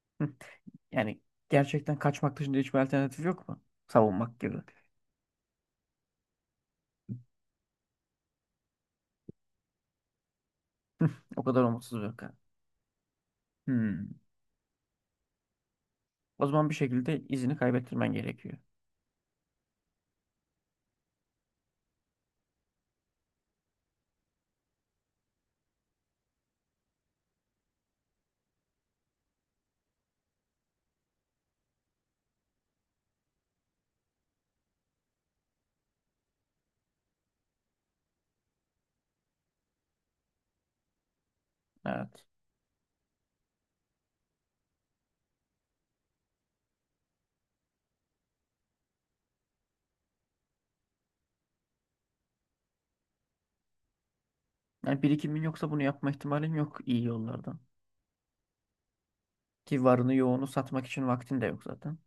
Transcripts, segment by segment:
Hı. Yani gerçekten kaçmak dışında hiçbir alternatif yok mu? Savunmak gibi. O kadar umutsuz bir kan. Hmm. O zaman bir şekilde izini kaybettirmen gerekiyor. Evet. Yani birikimin yoksa bunu yapma ihtimalin yok iyi yollardan. Ki varını yoğunu satmak için vaktin de yok zaten.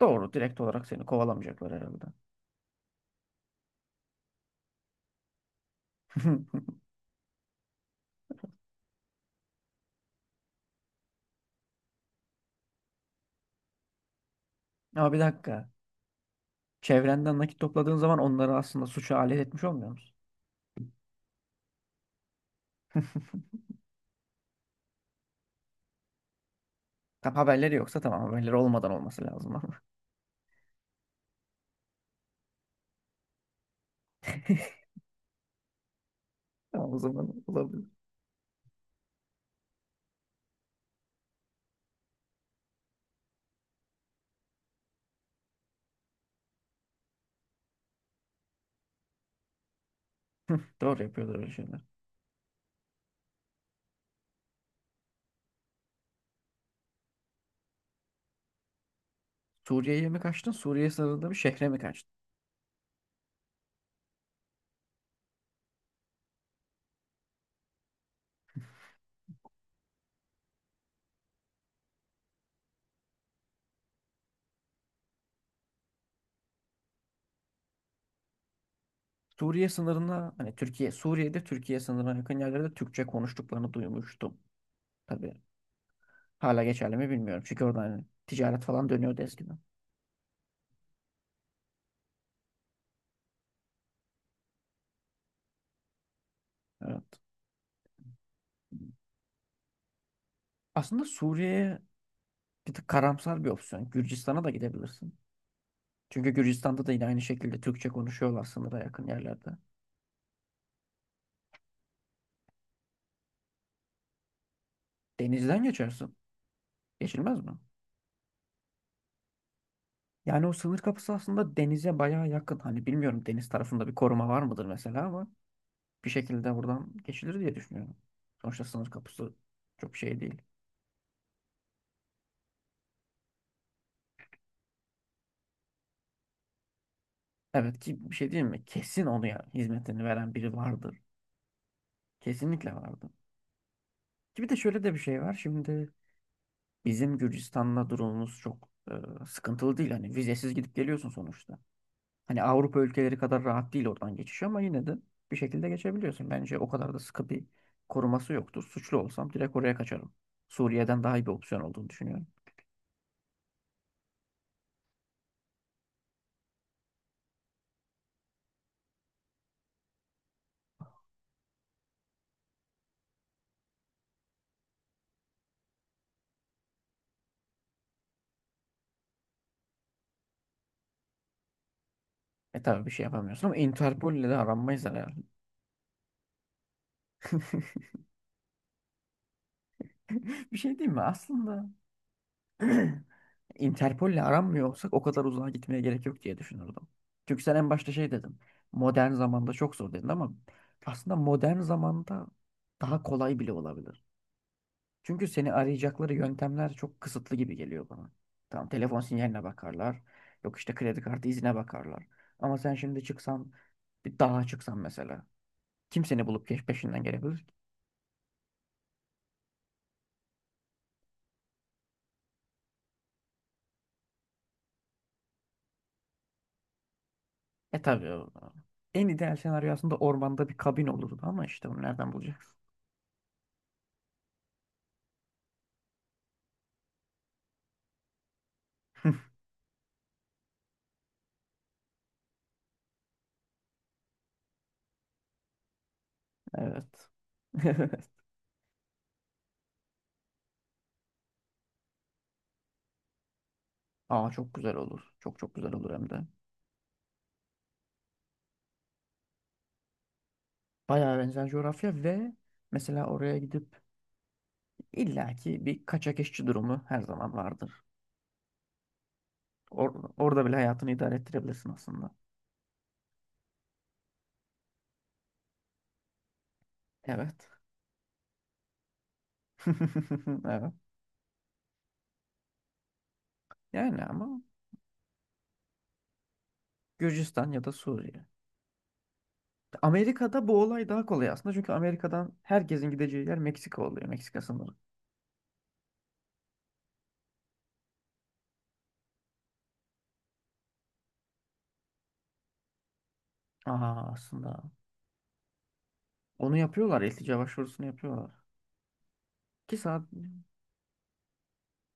Doğru. Direkt olarak seni kovalamayacaklar herhalde. Ama bir dakika. Çevrenden nakit topladığın zaman onları aslında suça alet etmiş olmuyor musun? Tam haberleri yoksa tamam haberleri olmadan olması lazım ama. Tamam, o zaman olabilir. Doğru yapıyorlar öyle şeyler. Suriye'ye mi kaçtın? Suriye sınırında bir şehre mi kaçtın? Suriye sınırına hani Türkiye, Suriye'de Türkiye sınırına yakın yerlerde Türkçe konuştuklarını duymuştum. Tabii hala geçerli mi bilmiyorum. Çünkü orada hani ticaret falan dönüyordu eskiden. Evet. Aslında Suriye'ye bir tık karamsar bir opsiyon. Gürcistan'a da gidebilirsin. Çünkü Gürcistan'da da yine aynı şekilde Türkçe konuşuyorlar sınıra yakın yerlerde. Denizden geçersin. Geçilmez mi? Yani o sınır kapısı aslında denize bayağı yakın. Hani bilmiyorum, deniz tarafında bir koruma var mıdır mesela, ama bir şekilde buradan geçilir diye düşünüyorum. Sonuçta sınır kapısı çok şey değil. Evet ki bir şey değil mi? Kesin onu ya, hizmetini veren biri vardır. Kesinlikle vardır. Ki bir de şöyle de bir şey var. Şimdi bizim Gürcistan'la durumumuz çok sıkıntılı değil. Hani vizesiz gidip geliyorsun sonuçta. Hani Avrupa ülkeleri kadar rahat değil oradan geçiş, ama yine de bir şekilde geçebiliyorsun. Bence o kadar da sıkı bir koruması yoktur. Suçlu olsam direkt oraya kaçarım. Suriye'den daha iyi bir opsiyon olduğunu düşünüyorum. E tabii bir şey yapamıyorsun, ama Interpol ile de aranmayız herhalde. Bir şey diyeyim mi? Aslında Interpol'le aranmıyor olsak o kadar uzağa gitmeye gerek yok diye düşünürdüm. Çünkü sen en başta şey dedin. Modern zamanda çok zor dedin ama aslında modern zamanda daha kolay bile olabilir. Çünkü seni arayacakları yöntemler çok kısıtlı gibi geliyor bana. Tamam, telefon sinyaline bakarlar. Yok işte, kredi kartı izine bakarlar. Ama sen şimdi çıksan, bir dağa çıksan mesela. Kim seni bulup peşinden gelebilir ki? E tabii en ideal senaryo aslında ormanda bir kabin olurdu, ama işte onu nereden bulacak? Evet. Evet. Aa, çok güzel olur. Çok çok güzel olur hem de. Bayağı benzer coğrafya ve mesela oraya gidip illaki bir kaçak işçi durumu her zaman vardır. Orada bile hayatını idare ettirebilirsin aslında. Evet. Evet. Yani ama Gürcistan ya da Suriye. Amerika'da bu olay daha kolay aslında. Çünkü Amerika'dan herkesin gideceği yer Meksika oluyor. Meksika sınırı. Aa, aslında. Onu yapıyorlar. İltica başvurusunu yapıyorlar. Ki, sa-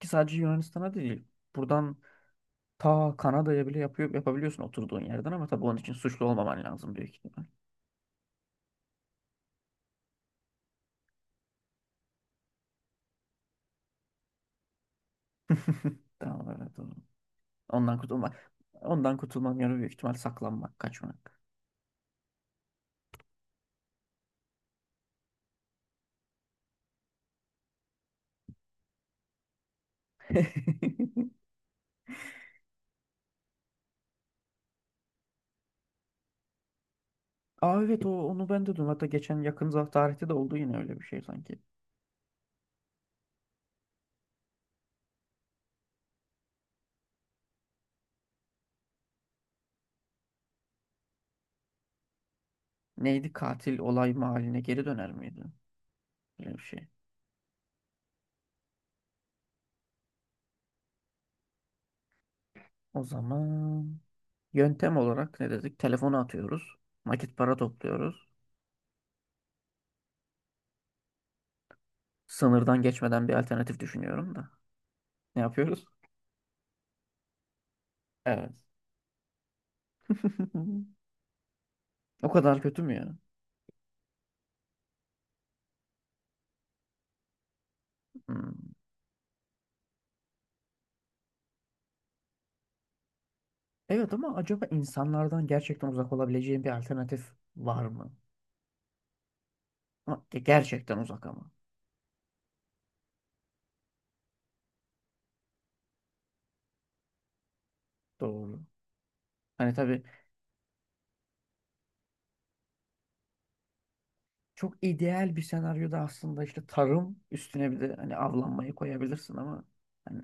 ki sadece Yunanistan'a değil. Buradan ta Kanada'ya bile yapıyor, yapabiliyorsun oturduğun yerden, ama tabii onun için suçlu olmaman lazım büyük ihtimal. Tamam, evet, doğru. Ondan kurtulmak. Ondan kurtulmanın yolu büyük ihtimal saklanmak, kaçmak. Aa evet, o onu ben de duydum. Hatta geçen yakın tarihte de oldu yine öyle bir şey sanki. Neydi, katil olay mahalline geri döner miydi? Öyle bir şey. O zaman yöntem olarak ne dedik? Telefonu atıyoruz. Nakit para topluyoruz. Sınırdan geçmeden bir alternatif düşünüyorum da. Ne yapıyoruz? Evet. O kadar kötü mü ya? Hmm. Evet, ama acaba insanlardan gerçekten uzak olabileceğin bir alternatif var mı? Ama gerçekten uzak ama. Doğru. Hani tabii çok ideal bir senaryoda aslında işte tarım üstüne bir de hani avlanmayı koyabilirsin, ama hani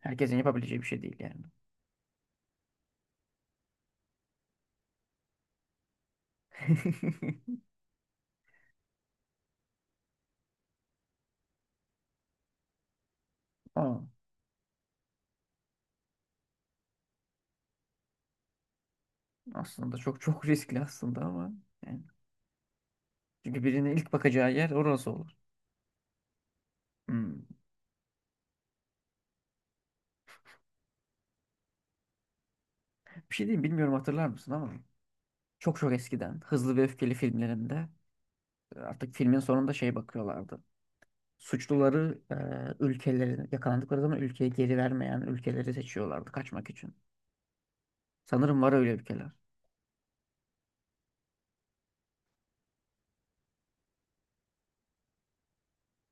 herkesin yapabileceği bir şey değil yani. Aa, aslında çok çok riskli aslında, ama yani çünkü birinin ilk bakacağı yer orası olur. Hmm. Bir şey diyeyim, bilmiyorum hatırlar mısın ama çok çok eskiden Hızlı ve Öfkeli filmlerinde artık filmin sonunda şey bakıyorlardı. Suçluları ülkelerine yakalandıkları zaman ülkeye geri vermeyen ülkeleri seçiyorlardı kaçmak için. Sanırım var öyle ülkeler.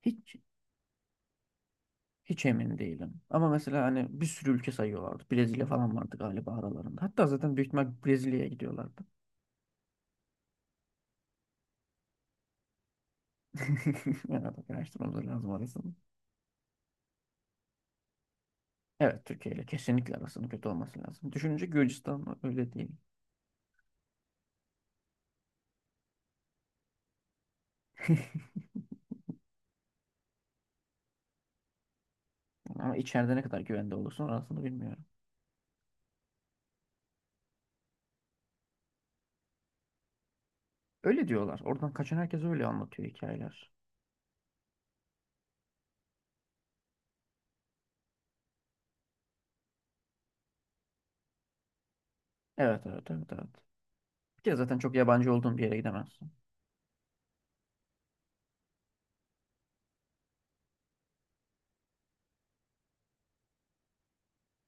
Hiç hiç emin değilim. Ama mesela hani bir sürü ülke sayıyorlardı. Brezilya falan vardı galiba aralarında. Hatta zaten büyük ihtimal Brezilya'ya gidiyorlardı. Yani bak, araştırmamız lazım arasını. Evet, Türkiye ile kesinlikle arasının kötü olması lazım. Düşününce Gürcistan öyle değil. Ama içeride ne kadar güvende olursun orasını bilmiyorum. Öyle diyorlar. Oradan kaçan herkes öyle anlatıyor hikayeler. Evet, evet, evet, evet. Bir kere zaten çok yabancı olduğun bir yere gidemezsin.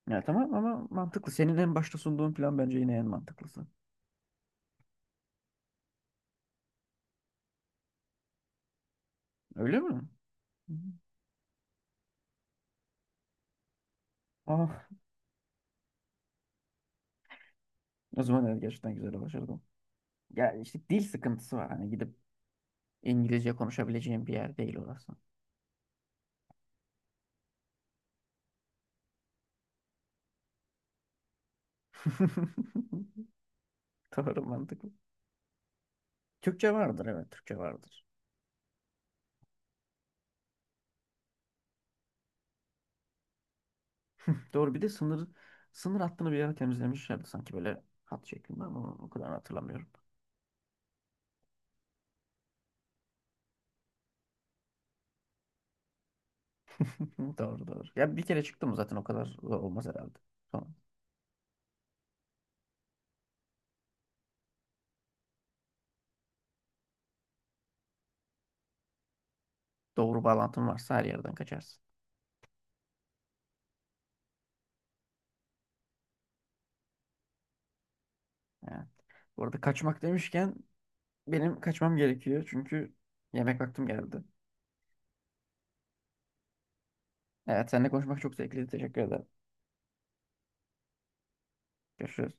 Ya tamam, ama mantıklı. Senin en başta sunduğun plan bence yine en mantıklısı. Öyle mi? Hı hı. Ah, o zaman evet, gerçekten güzel başardım. Ya işte dil sıkıntısı var. Hani gidip İngilizce konuşabileceğim bir yer değil orası. Doğru, mantıklı. Türkçe vardır, evet, Türkçe vardır. Doğru, bir de sınır hattını bir yere temizlemişlerdi sanki böyle hat şeklinde, ama o kadar hatırlamıyorum. Doğru, doğru. Ya bir kere çıktım zaten, o kadar zor olmaz herhalde. Doğru, bağlantın varsa her yerden kaçarsın. Evet. Bu arada, kaçmak demişken, benim kaçmam gerekiyor. Çünkü yemek vaktim geldi. Evet, seninle konuşmak çok zevkliydi. Teşekkür ederim. Görüşürüz.